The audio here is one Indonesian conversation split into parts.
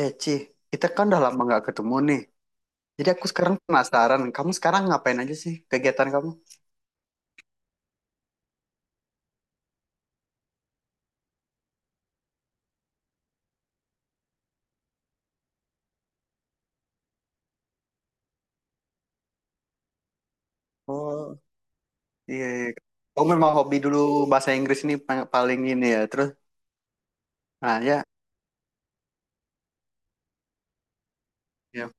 Eh, Ci, kita kan udah lama nggak ketemu nih. Jadi aku sekarang penasaran, kamu sekarang ngapain aja sih kegiatan kamu? Oh, iya, iya. Kamu memang hobi dulu bahasa Inggris ini paling ini ya. Terus, nah ya, ya.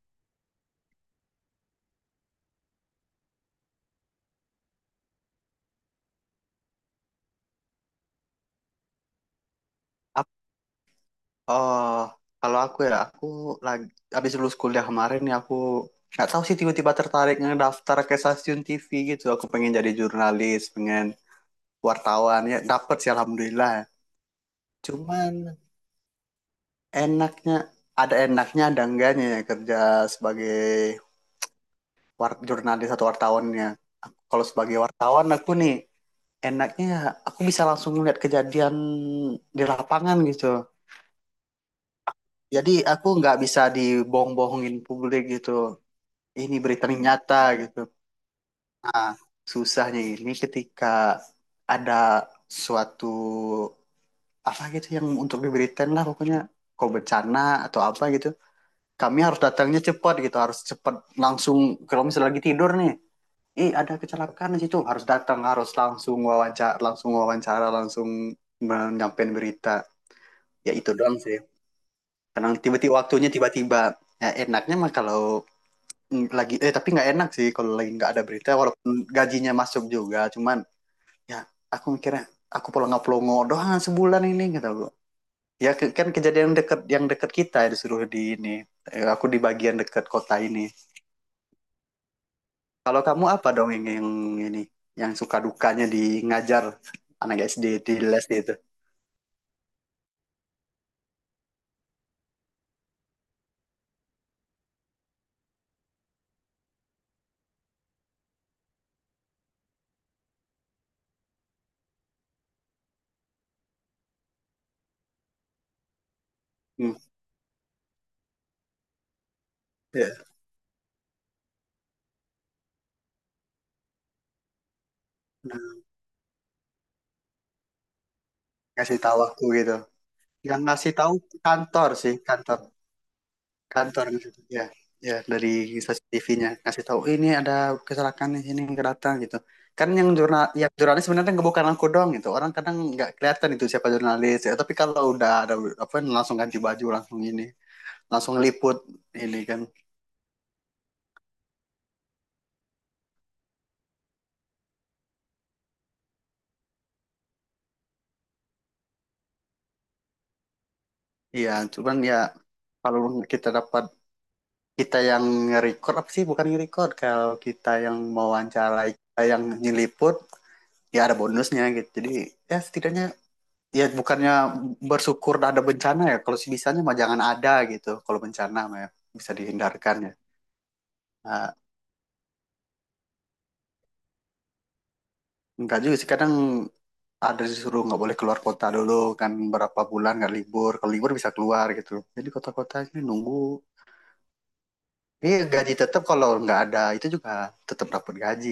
Ap- oh, kalau aku ya, aku lagi habis lulus kuliah kemarin, ya aku nggak tahu sih, tiba-tiba tertarik ngedaftar ke stasiun TV gitu. Aku pengen jadi jurnalis, pengen wartawan ya. Dapet sih, alhamdulillah. Cuman enaknya enaknya ada enggaknya ya kerja sebagai jurnalis atau wartawannya. Kalau sebagai wartawan aku nih enaknya aku bisa langsung lihat kejadian di lapangan gitu. Jadi aku nggak bisa dibohong-bohongin publik gitu. Ini berita ini nyata gitu. Nah, susahnya ini ketika ada suatu apa gitu yang untuk diberitain lah pokoknya, kok bencana atau apa gitu, kami harus datangnya cepat gitu, harus cepat langsung, kalau misalnya lagi tidur nih, ih ada kecelakaan di situ harus datang, harus langsung wawancara, langsung wawancara, langsung menyampaikan berita, ya itu doang sih. Karena tiba-tiba waktunya, tiba-tiba ya enaknya mah kalau lagi tapi nggak enak sih kalau lagi nggak ada berita, walaupun gajinya masuk juga, cuman ya aku mikirnya aku pelongo-pelongo doang sebulan ini gitu gua. Ya kan kejadian dekat, yang dekat kita ya disuruh di ini. Aku di bagian dekat kota ini. Kalau kamu apa dong, yang ini, yang suka dukanya di ngajar anak SD di les itu? Hmm, ya. Nah, ngasih tahu aku gitu. Yang ngasih tahu kantor sih, kantor, kantor gitu. Ya, ya dari stasiun TV-nya ngasih tahu ini ada kecelakaan di sini, nggak datang gitu. Kan yang yang jurnalis sebenarnya nggak, bukan aku doang gitu. Orang kadang nggak kelihatan itu siapa jurnalis. Ya, tapi kalau udah ada apa langsung ganti baju, langsung ini, langsung liput ini kan. Iya, cuman ya kalau kita dapat, kita yang nge-record apa sih, bukan nge-record, kalau kita yang mewawancarai, kita yang nyeliput, ya ada bonusnya gitu, jadi ya setidaknya, ya bukannya bersyukur ada bencana ya, kalau sebisanya mah jangan ada gitu, kalau bencana mah ya, bisa dihindarkan ya. Nah, enggak juga sih, kadang ada disuruh nggak boleh keluar kota dulu, kan berapa bulan nggak libur, kalau libur bisa keluar gitu, jadi kota-kotanya nunggu. Ini gaji tetap, kalau nggak ada itu juga tetap dapat gaji.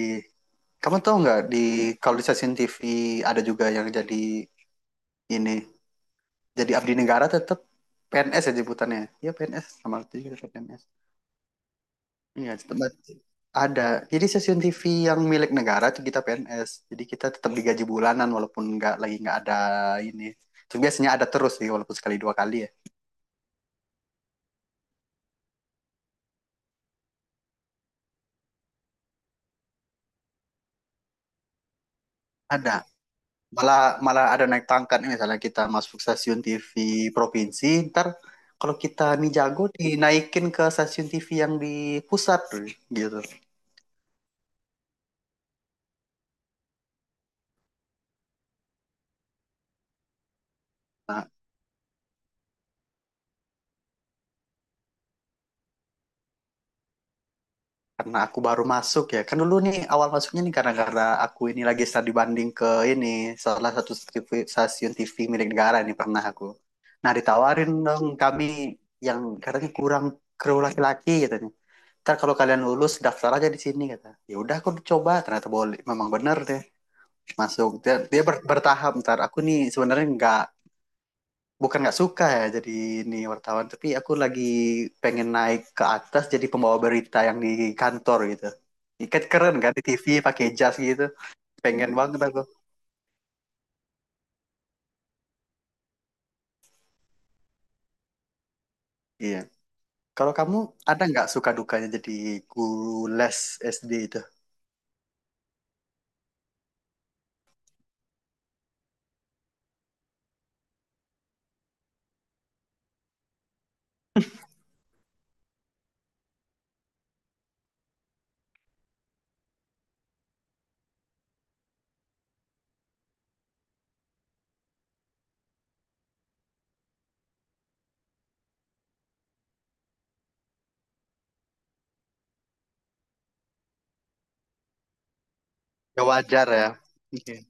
Kamu tahu nggak, kalau di stasiun TV ada juga yang jadi ini, jadi abdi negara tetap, PNS ya sebutannya. Ya PNS, sama itu juga tetap PNS. Iya tetap ada. Jadi stasiun TV yang milik negara itu kita PNS. Jadi kita tetap digaji bulanan walaupun nggak lagi, nggak ada ini. Itu biasanya ada terus sih walaupun sekali dua kali ya. Ada malah malah ada naik pangkat nih, misalnya kita masuk stasiun TV provinsi, ntar kalau kita nih jago dinaikin ke stasiun TV yang di pusat gitu. Nah karena aku baru masuk ya kan, dulu nih awal masuknya nih, karena aku ini lagi studi banding ke ini, salah satu TV stasiun TV milik negara nih pernah aku. Nah ditawarin dong kami yang katanya kurang kru laki-laki gitu nih, ntar kalau kalian lulus daftar aja di sini, kata. Ya udah aku coba, ternyata boleh, memang bener deh masuk. Dia Dia bertahap, ntar aku nih sebenarnya nggak, bukan nggak suka ya jadi ini wartawan, tapi aku lagi pengen naik ke atas jadi pembawa berita yang di kantor gitu, ikat keren kan di TV pakai jas gitu, pengen banget aku. Iya, kalau kamu ada nggak suka dukanya jadi guru les SD itu? Ya wajar ya. Oke.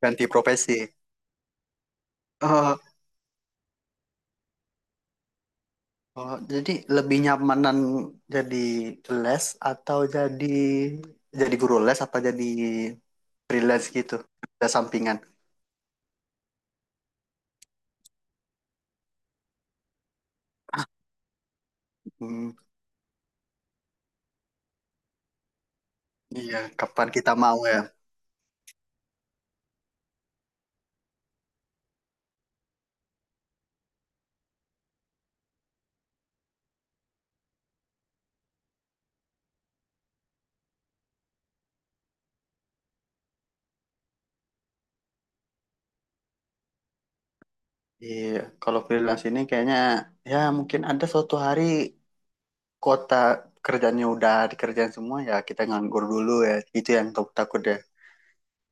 Ganti profesi. Oh. Oh, jadi lebih nyamanan, jadi les atau jadi guru les apa jadi freelance gitu, ada sampingan. Hmm, iya, kapan kita mau ya? Iya, kalau freelance ini kayaknya ya mungkin ada suatu hari kota kerjanya udah dikerjain semua ya, kita nganggur dulu ya. Itu yang takut takut ya.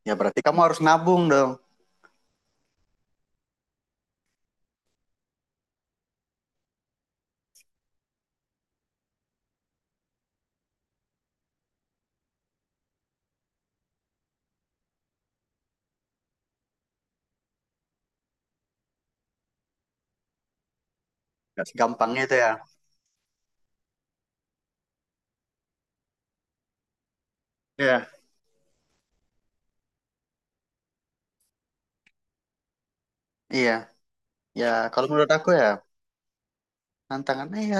Ya berarti kamu harus nabung dong. Gak segampang itu ya. Iya. Iya. Ya kalau menurut aku ya tantangannya ya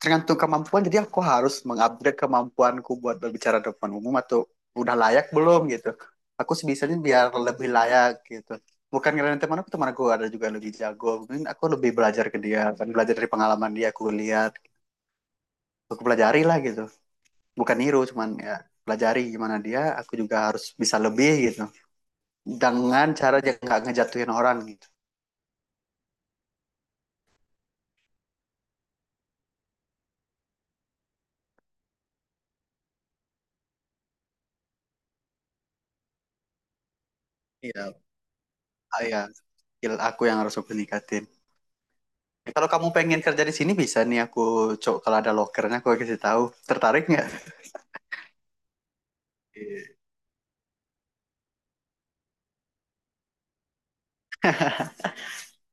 tergantung kemampuan, jadi aku harus mengupgrade kemampuanku buat berbicara di depan umum, atau udah layak belum gitu. Aku sebisanya biar lebih layak gitu, bukan karena teman aku, teman aku ada juga lebih jago, mungkin aku lebih belajar ke dia kan, belajar dari pengalaman dia, aku lihat, aku pelajari lah gitu, bukan niru, cuman ya pelajari gimana dia, aku juga harus bisa lebih gitu, dengan cara yang nggak ngejatuhin orang gitu. Iya. Ya skill aku yang harus aku ningkatin. Kalau kamu pengen kerja di sini bisa nih, aku cok kalau ada lokernya aku kasih tahu. Tertarik nggak?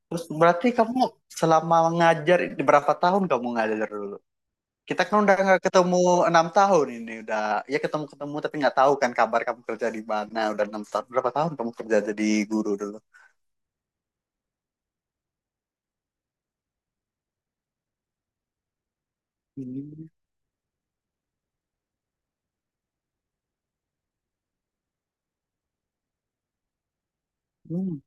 Terus berarti kamu selama ngajar ini berapa tahun kamu ngajar dulu? Kita kan udah nggak ketemu 6 tahun ini, udah ya ketemu ketemu tapi nggak tahu kan kabar kamu kerja di mana, udah 6 tahun, berapa tahun kamu kerja jadi guru dulu? Hmm. Hmm.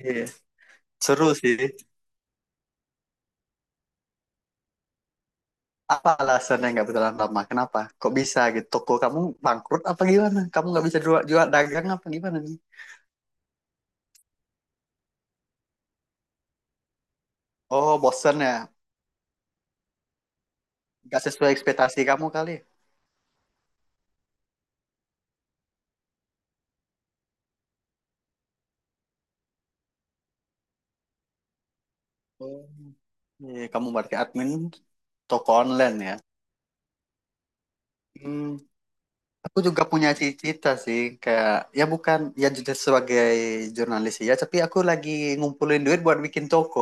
Iya seru sih. Apa alasannya nggak bertahan lama? Kenapa? Kok bisa gitu? Toko kamu bangkrut apa gimana? Kamu nggak bisa jual dagang apa gimana nih? Oh bosen ya? Gak sesuai ekspektasi kamu kali. Oh. Iya, kamu berarti admin toko online ya. Hmm, aku juga punya cita-cita sih, kayak ya bukan, ya juga sebagai jurnalis ya, tapi aku lagi ngumpulin duit buat bikin toko,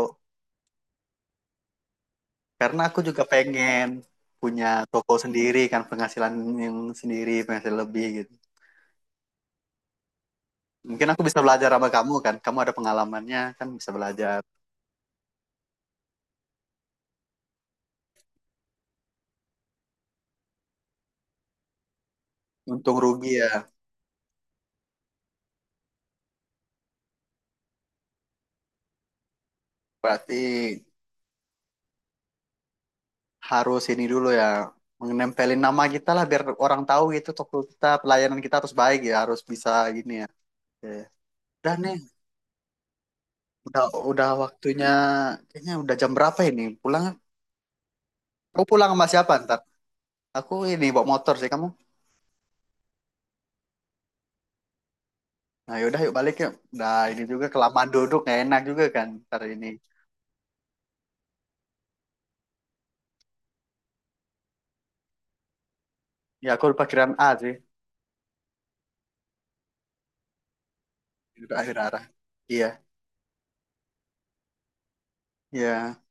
karena aku juga pengen punya toko sendiri kan, penghasilan yang sendiri, penghasilan lebih gitu. Mungkin aku bisa belajar sama kamu kan, kamu ada pengalamannya kan, bisa belajar. Untung rugi ya, berarti harus ini dulu ya, menempelin nama kita lah biar orang tahu gitu, toko kita pelayanan kita harus baik ya, harus bisa gini ya. Oke. Udah nih, udah waktunya, kayaknya udah jam berapa ini, pulang. Kau pulang sama siapa ntar? Aku ini bawa motor sih, kamu? Nah yaudah yuk balik yuk. Nah ini juga kelamaan duduk nggak enak juga kan ntar ini. Ya aku udah pikiran A sih. Udah akhir arah. Iya, iya.